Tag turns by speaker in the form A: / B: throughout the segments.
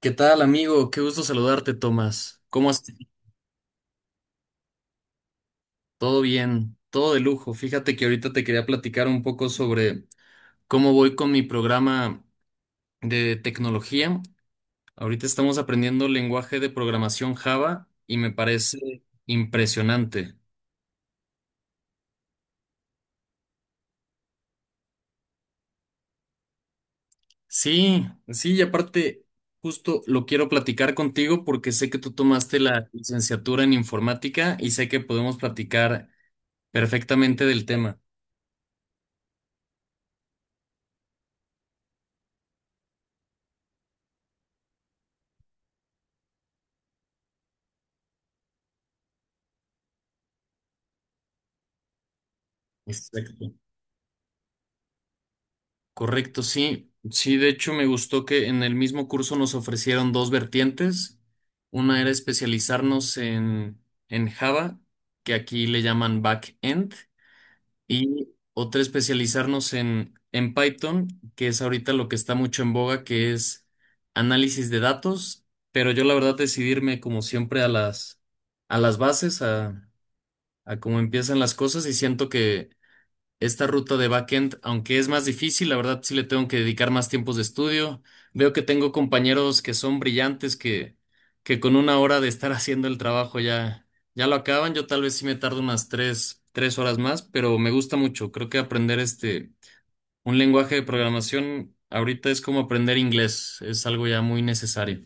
A: ¿Qué tal, amigo? Qué gusto saludarte, Tomás. ¿Cómo estás? Todo bien, todo de lujo. Fíjate que ahorita te quería platicar un poco sobre cómo voy con mi programa de tecnología. Ahorita estamos aprendiendo lenguaje de programación Java y me parece impresionante. Sí, sí, y aparte, justo lo quiero platicar contigo porque sé que tú tomaste la licenciatura en informática y sé que podemos platicar perfectamente del tema. Exacto. Correcto, sí. Sí, de hecho me gustó que en el mismo curso nos ofrecieron dos vertientes. Una era especializarnos en Java, que aquí le llaman backend, y otra especializarnos en Python, que es ahorita lo que está mucho en boga, que es análisis de datos. Pero yo la verdad decidirme como siempre a a las bases, a cómo empiezan las cosas y siento que esta ruta de backend, aunque es más difícil, la verdad sí le tengo que dedicar más tiempos de estudio. Veo que tengo compañeros que son brillantes que con una hora de estar haciendo el trabajo ya lo acaban. Yo tal vez sí me tardo unas tres horas más, pero me gusta mucho. Creo que aprender un lenguaje de programación ahorita es como aprender inglés, es algo ya muy necesario.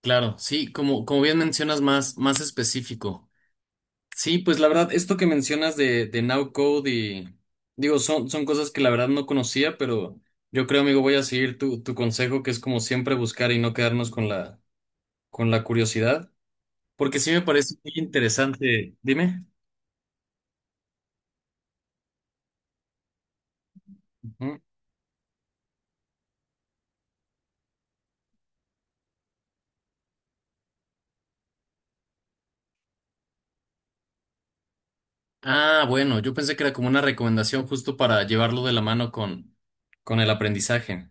A: Claro, sí, como bien mencionas, más específico. Sí, pues la verdad, esto que mencionas de Now Code y digo, son cosas que la verdad no conocía, pero yo creo, amigo, voy a seguir tu consejo, que es como siempre buscar y no quedarnos con con la curiosidad, porque sí me parece muy interesante. Dime. Ujú. Ah, bueno, yo pensé que era como una recomendación justo para llevarlo de la mano con el aprendizaje.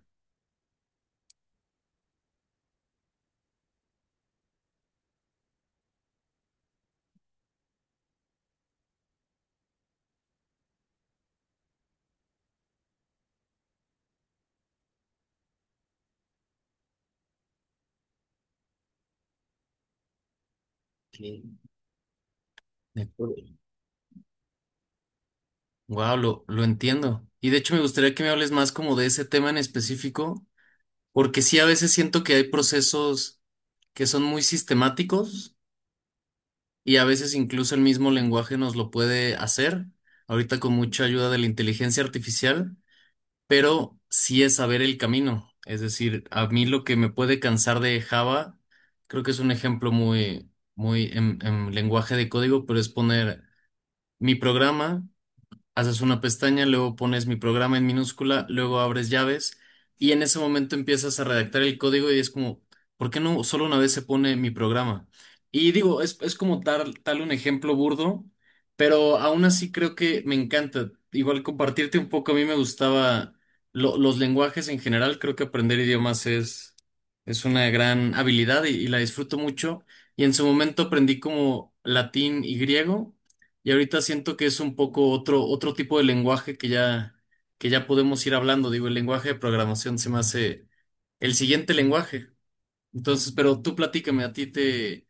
A: Wow, lo entiendo. Y de hecho me gustaría que me hables más como de ese tema en específico, porque sí a veces siento que hay procesos que son muy sistemáticos y a veces incluso el mismo lenguaje nos lo puede hacer, ahorita con mucha ayuda de la inteligencia artificial, pero sí es saber el camino. Es decir, a mí lo que me puede cansar de Java, creo que es un ejemplo muy, en lenguaje de código, pero es poner mi programa, haces una pestaña, luego pones mi programa en minúscula, luego abres llaves y en ese momento empiezas a redactar el código y es como, ¿por qué no solo una vez se pone mi programa? Y digo, es como tal, tal un ejemplo burdo, pero aún así creo que me encanta. Igual compartirte un poco, a mí me gustaba los lenguajes en general, creo que aprender idiomas es una gran habilidad y la disfruto mucho. Y en su momento aprendí como latín y griego. Y ahorita siento que es un poco otro, otro tipo de lenguaje que ya podemos ir hablando. Digo, el lenguaje de programación se me hace el siguiente lenguaje. Entonces, pero tú platícame,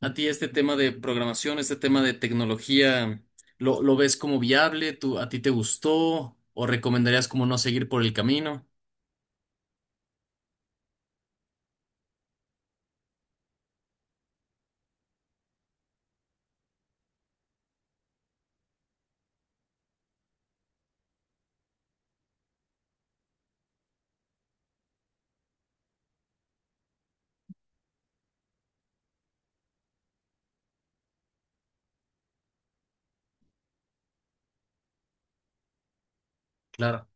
A: a ti este tema de programación, este tema de tecnología, lo ves como viable? ¿Tú, a ti te gustó? ¿O recomendarías como no seguir por el camino? Claro.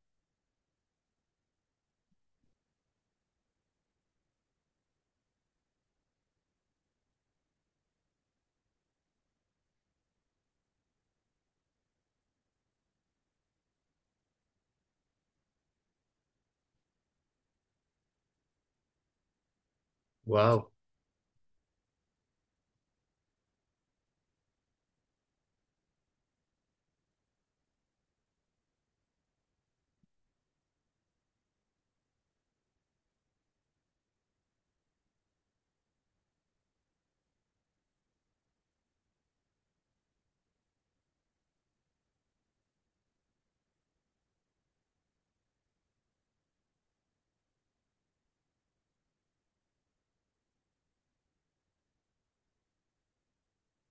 A: Wow.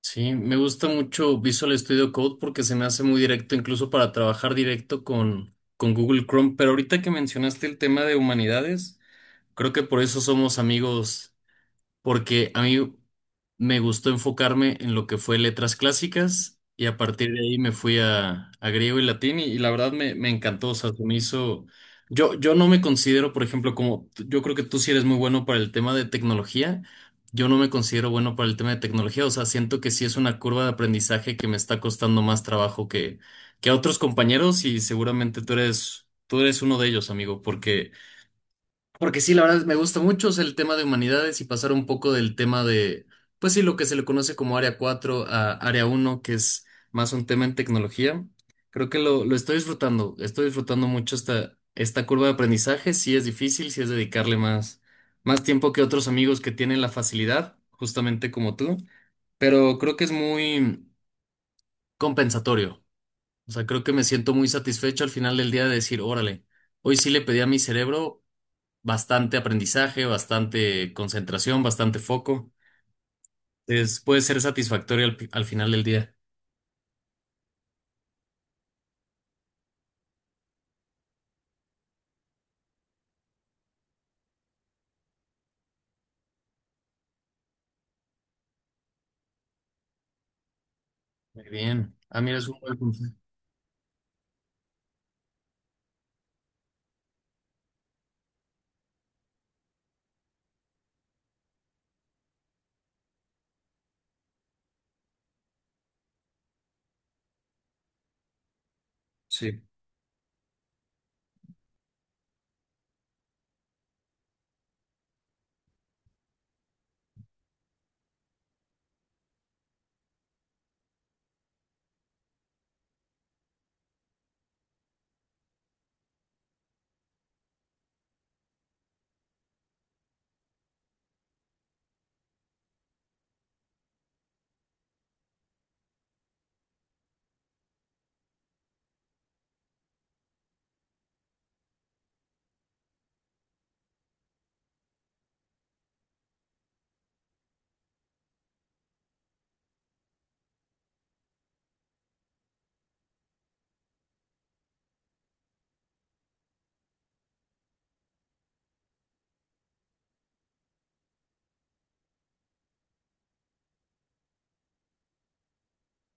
A: Sí, me gusta mucho Visual Studio Code porque se me hace muy directo, incluso para trabajar directo con Google Chrome. Pero ahorita que mencionaste el tema de humanidades, creo que por eso somos amigos porque a mí me gustó enfocarme en lo que fue letras clásicas y a partir de ahí me fui a griego y latín y la verdad me encantó, o sea, se me hizo... yo no me considero, por ejemplo, yo creo que tú sí eres muy bueno para el tema de tecnología, yo no me considero bueno para el tema de tecnología, o sea, siento que sí es una curva de aprendizaje que me está costando más trabajo que a otros compañeros y seguramente tú eres uno de ellos, amigo, porque... Porque sí, la verdad me gusta mucho, o sea, el tema de humanidades y pasar un poco del tema de, pues sí, lo que se le conoce como área 4 a área uno que es más un tema en tecnología. Creo que lo estoy disfrutando mucho esta curva de aprendizaje. Sí es difícil, sí es dedicarle más tiempo que otros amigos que tienen la facilidad, justamente como tú, pero creo que es muy compensatorio. O sea, creo que me siento muy satisfecho al final del día de decir, órale, hoy sí le pedí a mi cerebro bastante aprendizaje, bastante concentración, bastante foco. Puede ser satisfactorio al final del día. Muy bien. Ah, mira, es un buen consejo. Sí,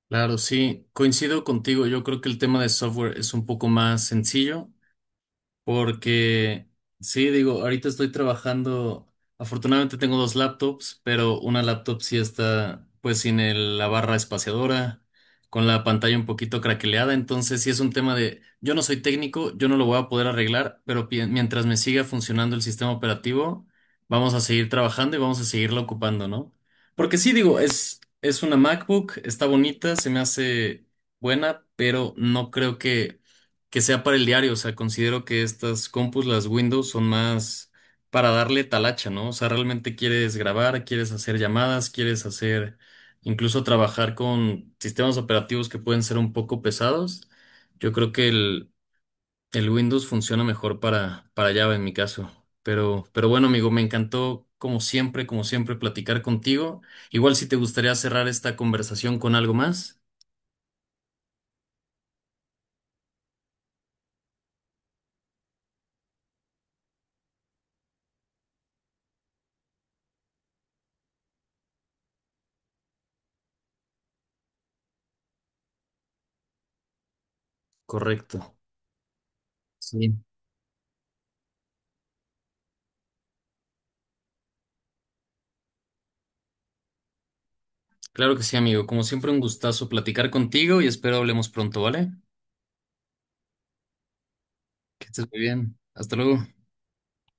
A: claro, sí. Coincido contigo. Yo creo que el tema de software es un poco más sencillo. Porque, sí, digo, ahorita estoy trabajando, afortunadamente tengo dos laptops, pero una laptop sí está pues sin el- la barra espaciadora, con la pantalla un poquito craqueleada, entonces sí es un tema de, yo no soy técnico, yo no lo voy a poder arreglar, pero mientras me siga funcionando el sistema operativo, vamos a seguir trabajando y vamos a seguirla ocupando, ¿no? Porque sí, digo, es una MacBook, está bonita, se me hace buena, pero no creo que sea para el diario. O sea, considero que estas compus, las Windows, son más para darle talacha, ¿no? O sea, realmente quieres grabar, quieres hacer llamadas, quieres hacer incluso trabajar con sistemas operativos que pueden ser un poco pesados. Yo creo que el Windows funciona mejor para Java en mi caso. Pero bueno, amigo, me encantó, como siempre, platicar contigo. Igual si te gustaría cerrar esta conversación con algo más, correcto. Sí. Claro que sí, amigo. Como siempre, un gustazo platicar contigo y espero hablemos pronto, ¿vale? Que estés muy bien. Hasta luego.